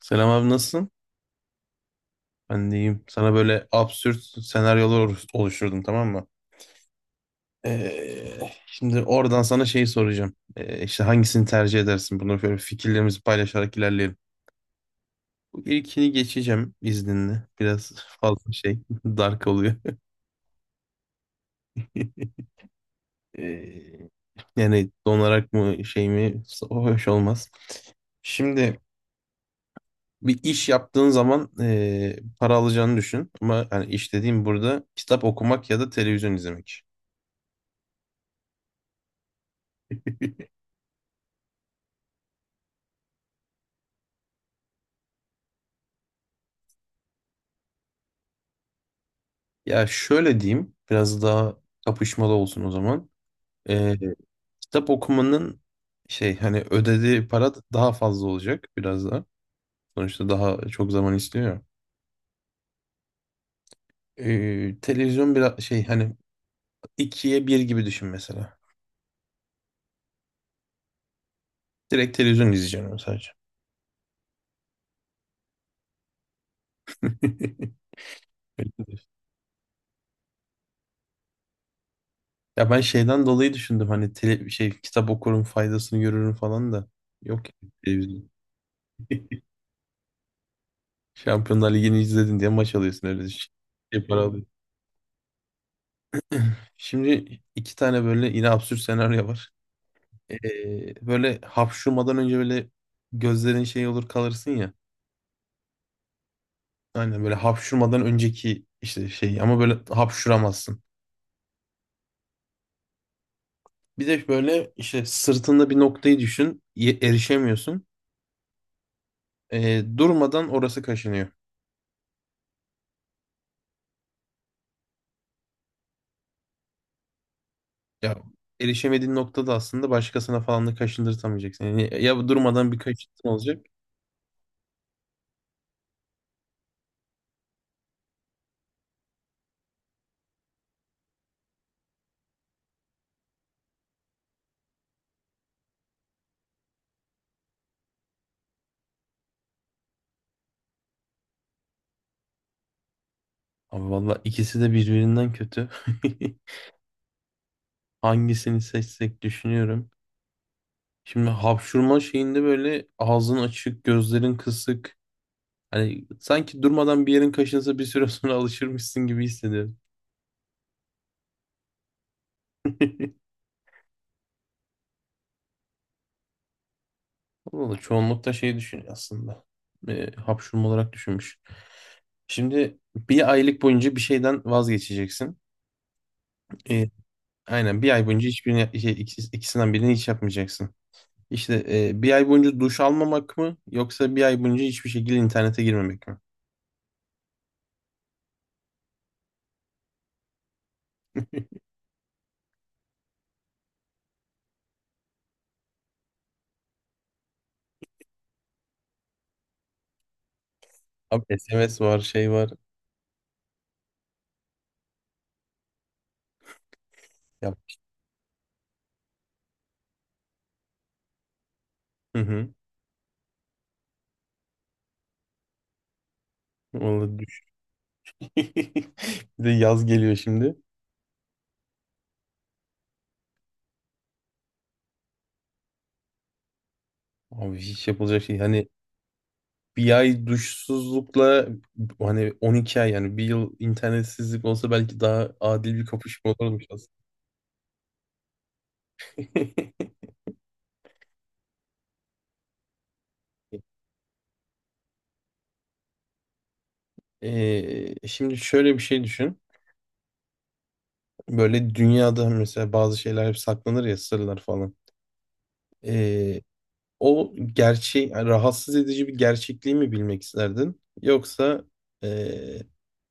Selam abi, nasılsın? Ben de iyiyim. Sana böyle absürt senaryolar oluşturdum, tamam mı? Şimdi oradan sana şeyi soracağım. İşte hangisini tercih edersin? Bunu böyle fikirlerimizi paylaşarak ilerleyelim. Bu ilkini geçeceğim izninle. Biraz fazla şey dark oluyor. Ee, Yani donarak mı şey mi, o hoş olmaz. Şimdi bir iş yaptığın zaman para alacağını düşün. Ama hani iş dediğim burada kitap okumak ya da televizyon izlemek. Ya şöyle diyeyim, biraz daha kapışmalı olsun o zaman. Ee, Kitap okumanın şey, hani ödediği para daha fazla olacak biraz da. Sonuçta daha çok zaman istiyor ya. Televizyon biraz şey, hani ikiye bir gibi düşün mesela. Direkt televizyon izleyeceğim ama sadece. Ya ben şeyden dolayı düşündüm, hani tele, şey kitap okurum faydasını görürüm falan da. Yok ya, televizyon. Şampiyonlar Ligi'ni izledin diye maç alıyorsun, öyle düşün. Şey para. Şimdi iki tane böyle yine absürt senaryo var. Böyle hapşurmadan önce böyle gözlerin şey olur, kalırsın ya. Aynen, böyle hapşurmadan önceki işte şey, ama böyle hapşuramazsın. Bir de böyle işte sırtında bir noktayı düşün, erişemiyorsun. Durmadan orası kaşınıyor. Ya erişemediğin noktada aslında başkasına falan da kaşındırtamayacaksın. Yani ya durmadan bir kaşıntın olacak. Abi valla ikisi de birbirinden kötü. Hangisini seçsek düşünüyorum. Şimdi hapşurma şeyinde böyle ağzın açık, gözlerin kısık. Hani sanki durmadan bir yerin kaşınsa bir süre sonra alışırmışsın gibi hissediyorum. Valla çoğunlukta şey düşünüyor aslında. Hapşurma olarak düşünmüş. Şimdi bir aylık boyunca bir şeyden vazgeçeceksin. E, aynen, bir ay boyunca hiçbirini, şey, ikisinden birini hiç yapmayacaksın. İşte bir ay boyunca duş almamak mı yoksa bir ay boyunca hiçbir şekilde internete girmemek mi? Abi SMS var, şey var. Yap. Hı hı. Vallahi. Bir de yaz geliyor şimdi. Abi hiç yapılacak şey. Hani bir ay duşsuzlukla, hani 12 ay yani bir yıl internetsizlik olsa belki daha adil bir kapışma olurmuş aslında. Şimdi şöyle bir şey düşün. Böyle dünyada mesela bazı şeyler hep saklanır ya, sırlar falan. Ee, O gerçeği yani rahatsız edici bir gerçekliği mi bilmek isterdin? Yoksa ee,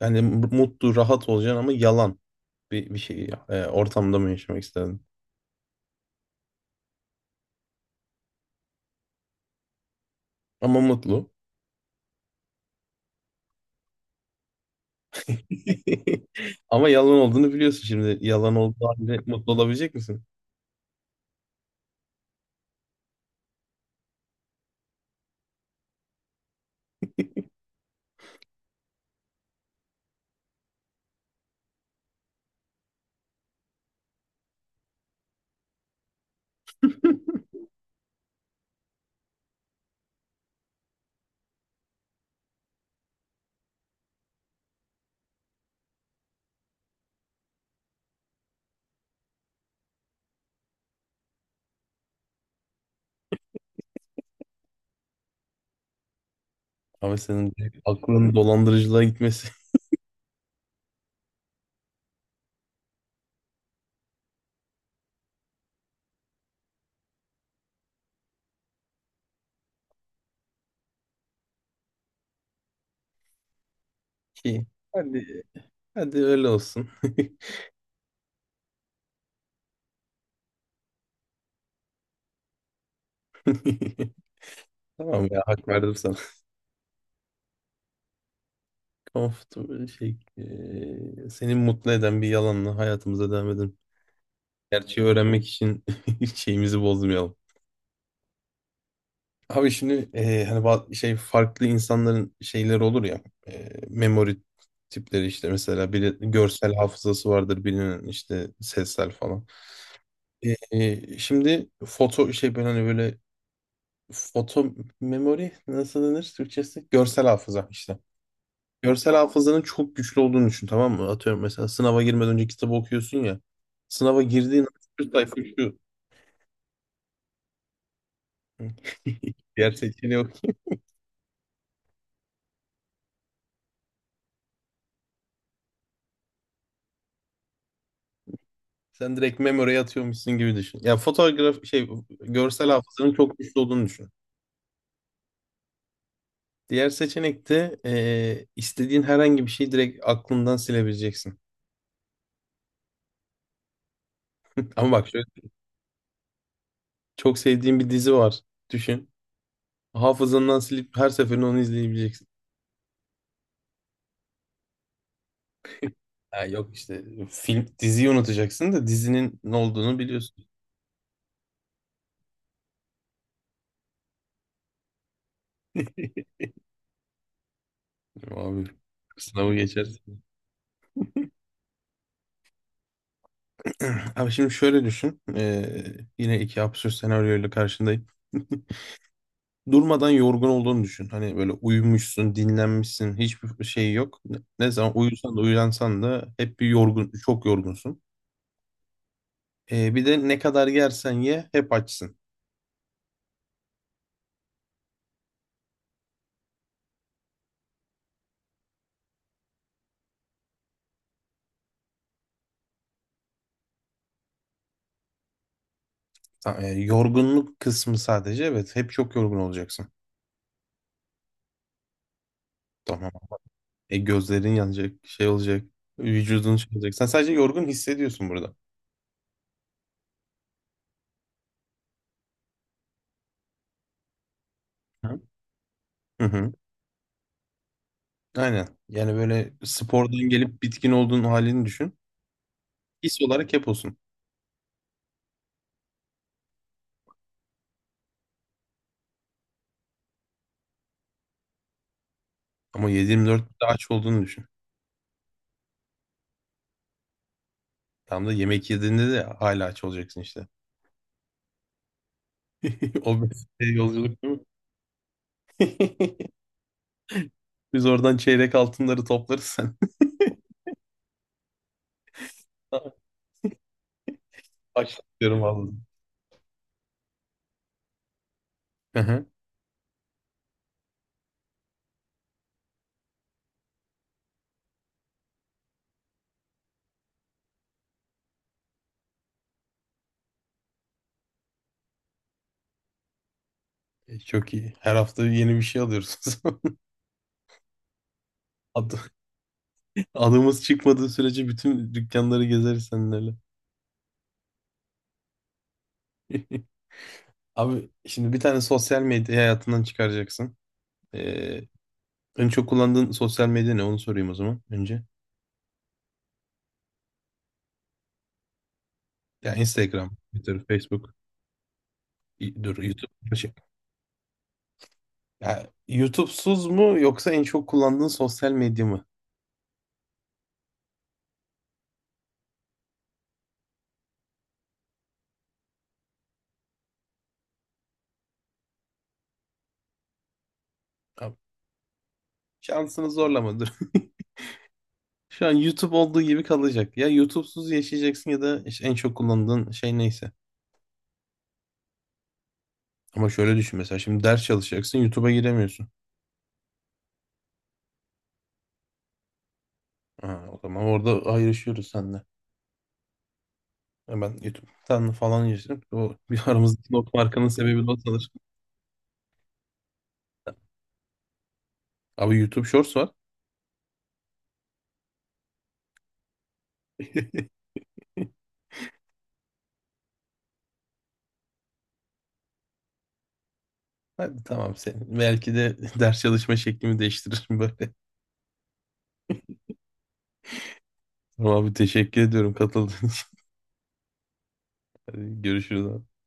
hani mutlu rahat olacaksın ama yalan bir şey, ortamda mı yaşamak isterdin? Ama mutlu. Ama yalan olduğunu biliyorsun şimdi. Yalan olduğu halde mutlu olabilecek misin? Ama senin de aklın dolandırıcılığa gitmesi. ki. Hadi, hadi öyle olsun. Tamam ya, hak verdim sana. Comfortable şey, seni mutlu eden bir yalanla hayatımıza devam edelim. Gerçeği öğrenmek için şeyimizi bozmayalım. Abi şimdi hani şey farklı insanların şeyleri olur ya, memory tipleri işte, mesela biri görsel hafızası vardır, birinin işte sessel falan. Şimdi foto şey, ben hani böyle foto memory nasıl denir Türkçesi? Görsel hafıza işte. Görsel hafızanın çok güçlü olduğunu düşün, tamam mı? Atıyorum, mesela sınava girmeden önce kitabı okuyorsun ya. Sınava girdiğin an şu sayfa şu. Diğer seçeneği, sen direkt memory'e atıyormuşsun gibi düşün. Ya fotoğraf şey, görsel hafızanın çok güçlü olduğunu düşün. Diğer seçenek de istediğin herhangi bir şeyi direkt aklından silebileceksin. Ama bak şöyle, çok sevdiğin bir dizi var. Düşün. Hafızandan silip her seferinde onu izleyebileceksin. Ha, yok işte film diziyi unutacaksın da dizinin ne olduğunu biliyorsun. Abi sınavı geçersin. Abi şimdi şöyle düşün. Yine iki absürt senaryoyla karşındayım. Durmadan yorgun olduğunu düşün. Hani böyle uyumuşsun, dinlenmişsin, hiçbir şey yok. Ne zaman uyusan da uyansan da hep bir yorgun, çok yorgunsun. Bir de ne kadar yersen ye hep açsın. Yorgunluk kısmı sadece, evet, hep çok yorgun olacaksın. Tamam. Gözlerin yanacak, şey olacak, vücudun şey olacak. Sen sadece yorgun hissediyorsun burada. Hı hı, hı. Aynen. Yani böyle spordan gelip bitkin olduğun halini düşün. His olarak hep olsun. Ama 7/24 bir de aç olduğunu düşün. Tam da yemek yediğinde de hala aç olacaksın işte. O bir şey yolculuk, değil mi? Biz oradan çeyrek altınları toplarız sen. Açlık diyorum vallahi. Hı hı. Çok iyi. Her hafta yeni bir şey alıyoruz. O zaman Ad- adımız çıkmadığı sürece bütün dükkanları gezeriz seninle. Abi şimdi bir tane sosyal medya hayatından çıkaracaksın. Ee, En çok kullandığın sosyal medya ne? Onu sorayım o zaman önce. Ya Instagram, Twitter, Facebook, dur, YouTube. Şey, ya, YouTube'suz mu yoksa en çok kullandığın sosyal medya mı? Ya, şansını zorlamadır. Şu an YouTube olduğu gibi kalacak. Ya YouTube'suz yaşayacaksın ya da işte en çok kullandığın şey neyse. Ama şöyle düşün, mesela şimdi ders çalışacaksın YouTube'a giremiyorsun. Ha, o zaman orada ayrışıyoruz seninle. Ya, ben YouTube'dan falan yaşadım. O bir, aramızdaki not farkının sebebi de o. Abi YouTube Shorts var. Hadi tamam sen. Belki de ders çalışma şeklimi değiştiririm böyle. Tamam abi, teşekkür ediyorum katıldığın için. Hadi görüşürüz abi.